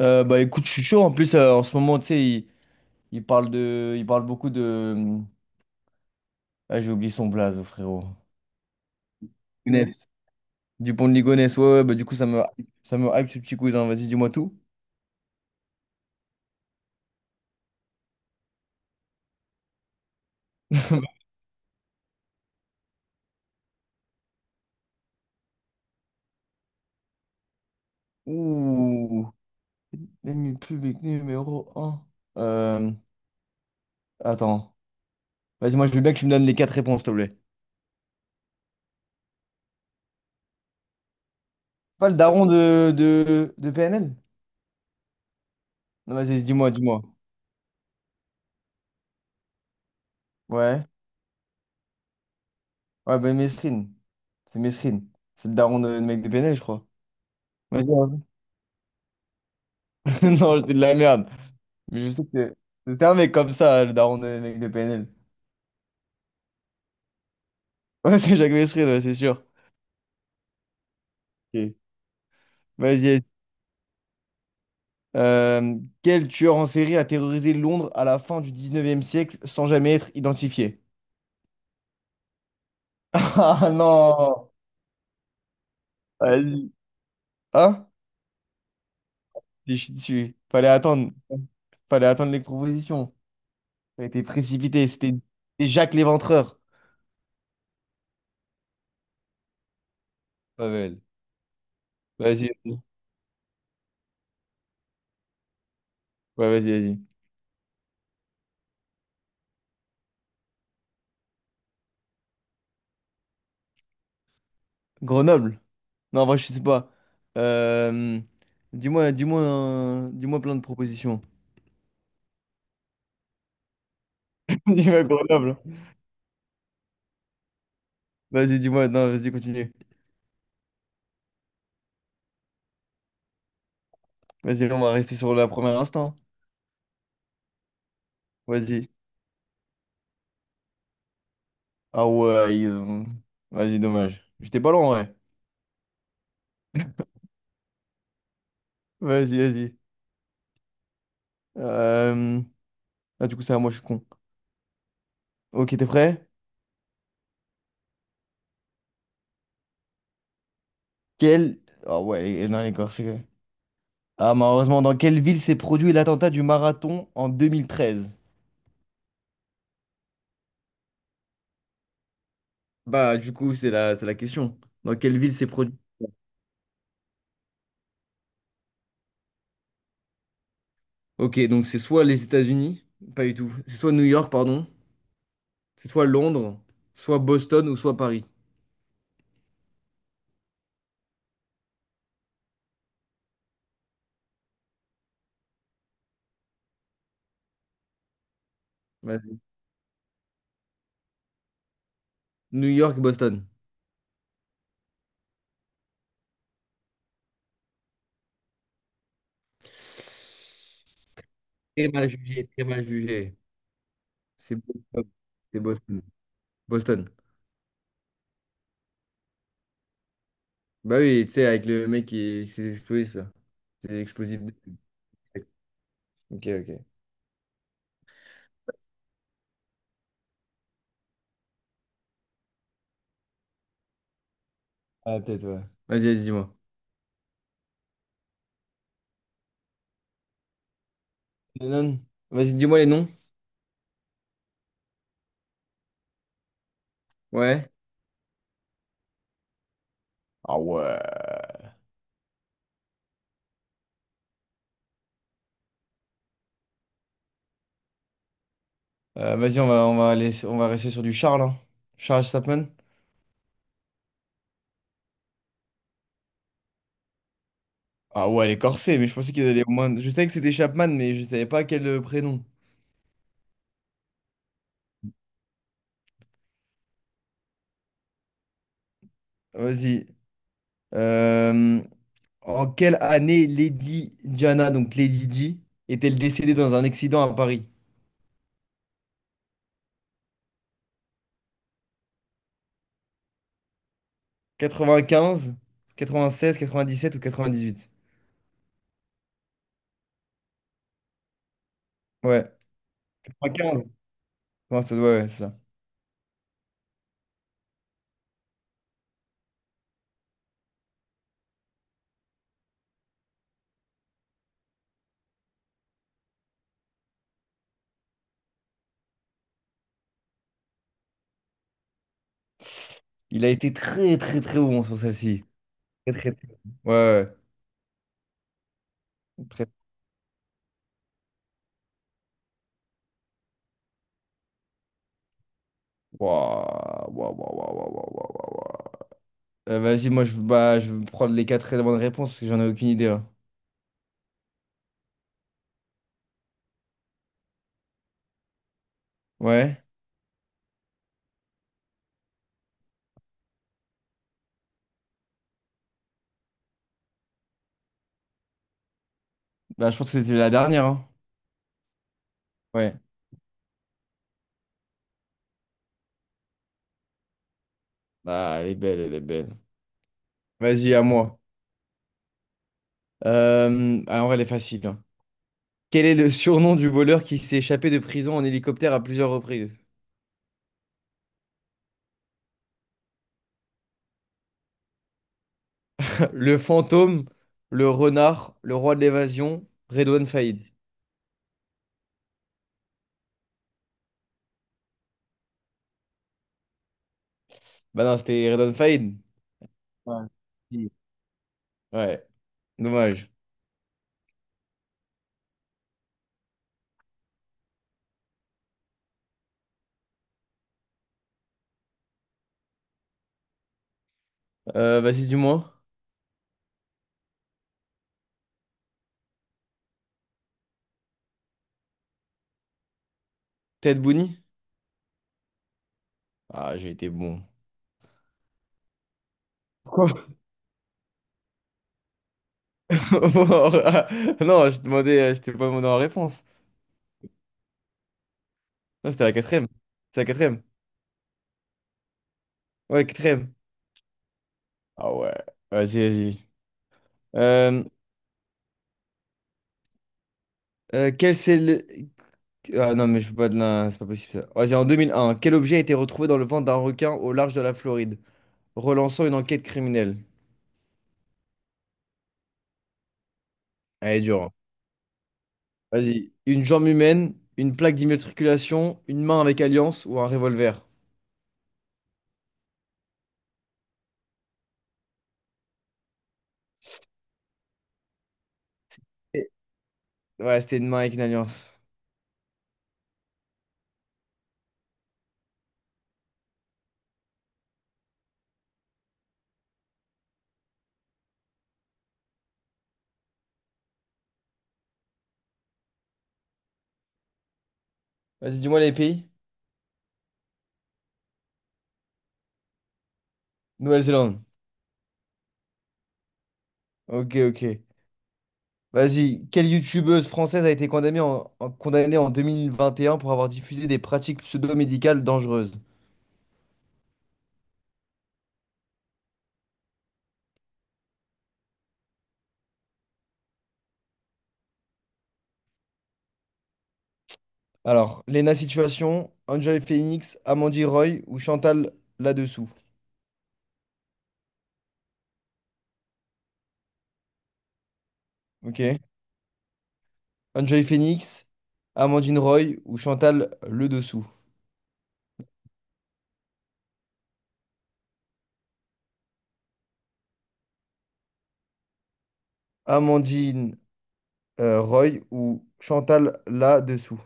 Bah écoute, je suis chaud. En plus, en ce moment, tu sais, il parle beaucoup de. Ah, j'ai oublié son blaze, frérot. Younes. Du pont de Ligonnès, ouais, ouais, bah du coup, ça me hype ce petit cousin. Vas-y, dis-moi tout. Ouh, l'ennemi public numéro un. Euh, attends. Vas-y, moi, je veux bien que tu me donnes les quatre réponses, s'il te plaît. Pas le daron de PNL? Non, vas-y, dis-moi, dis-moi. Ouais. Ouais, bah Mesrine. C'est Mesrine. C'est le daron de mec de PNL, je crois. Vas-y, hein. Non, c'est de la merde. Mais je sais que c'était un mec comme ça, le daron des mecs de PNL. Ouais, c'est Jacques Mesril, ouais, c'est sûr. Ok. Vas-y, vas-y. Euh, quel tueur en série a terrorisé Londres à la fin du 19e siècle sans jamais être identifié? Ah non! Vas-y. Hein? Je suis dessus. Fallait attendre. Fallait attendre les propositions. Ça a été précipité. C'était Jacques l'Éventreur. Pas belle. Vas-y, vas-y. Ouais, vas-y, vas-y. Grenoble. Non, en vrai, je sais pas. Euh, dis-moi plein de propositions. Dis-moi Grenoble. Vas-y, dis-moi. Non, vas-y, continue. Vas-y, on va rester sur la première instant. Vas-y. Ah ouais, vas-y, dommage. J'étais pas loin, ouais. Vas-y, vas-y. Euh, Ah, du coup, ça, moi, je suis con. Ok, t'es prêt? Quel. Ah ouais, non, les Corses, c'est. Ah, malheureusement, dans quelle ville s'est produit l'attentat du marathon en 2013? Bah, du coup, c'est la question. Dans quelle ville s'est produit. Ok, donc c'est soit les États-Unis, pas du tout. C'est soit New York, pardon. C'est soit Londres, soit Boston ou soit Paris. Vas-y. New York, Boston. Très mal jugé, très mal jugé. C'est Boston. C'est Boston. Boston. Bah oui, tu sais, avec le mec qui s'est explosé, là. C'est explosif. Ok, ok. Ah, peut-être, ouais. Vas-y, vas-y, dis-moi. Lennon. Vas-y, dis-moi les noms. Ouais. Ah ouais. Vas-y, on va rester sur du Charles, hein. Charles Chapman. Ah ouais, les corsets mais je pensais qu'ils allaient au moins. Je savais que c'était Chapman, mais je savais pas quel prénom. Vas-y. Euh, En quelle année Lady Diana, donc Lady Di, est-elle décédée dans un accident à Paris? 95, 96, 97 ou 98? Ouais. 95. Ouais, ouais, ouais, c'est ça. Il a été très très très bon sur celle-ci. Très très très. Bon. Ouais, ouais. Ouais. Très. Waouh, waouh, waouh, waouh, waouh, waouh, waouh, waouh. Vas-y, moi je, bah, je vais prendre les quatre bonnes réponses parce que j'en ai aucune idée là. Ouais. Bah, je pense que c'était la dernière, hein. Ouais. Ah, elle est belle, elle est belle. Vas-y, à moi. Ah, en vrai, elle est facile, hein. Quel est le surnom du voleur qui s'est échappé de prison en hélicoptère à plusieurs reprises? Le fantôme, le renard, le roi de l'évasion, Redouane Faïd. Bah non, c'était Redouane Faïd. Ouais. Si. Ouais, dommage. Vas-y, dis-moi. Ted Bundy? Ah, j'ai été bon. Quoi? Non, je demandais, je t'ai pas demandé en réponse. Non, c'était la quatrième. C'est la quatrième. Ouais, quatrième. Ah ouais, vas-y, vas-y. Euh, quel c'est le. Ah non, mais je peux pas de la. C'est pas possible ça. Vas-y, en 2001, quel objet a été retrouvé dans le ventre d'un requin au large de la Floride, relançant une enquête criminelle? Elle est dure, hein. Vas-y, une jambe humaine, une plaque d'immatriculation, une main avec alliance ou un revolver? Et- Ouais, c'était une main avec une alliance. Vas-y, dis-moi les pays. Nouvelle-Zélande. Ok, ok. Vas-y, quelle youtubeuse française a été condamnée condamnée en 2021 pour avoir diffusé des pratiques pseudo-médicales dangereuses? Alors, Lena Situation, Enjoy Phoenix, Amandine Roy ou Chantal là-dessous. Ok. Enjoy Phoenix, Amandine Roy ou Chantal le dessous. Amandine Roy ou Chantal là-dessous.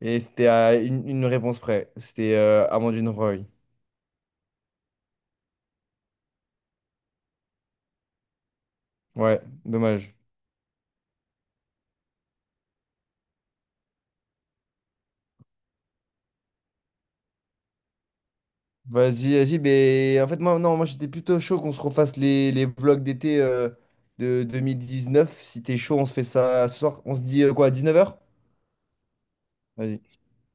Et c'était à une réponse près. C'était Amandine Roy. Ouais, dommage. Vas-y, vas-y, mais en fait, moi, non, moi j'étais plutôt chaud qu'on se refasse les vlogs d'été de 2019. Si t'es chaud, on se fait ça ce soir. On se dit quoi, 19h? Vas-y.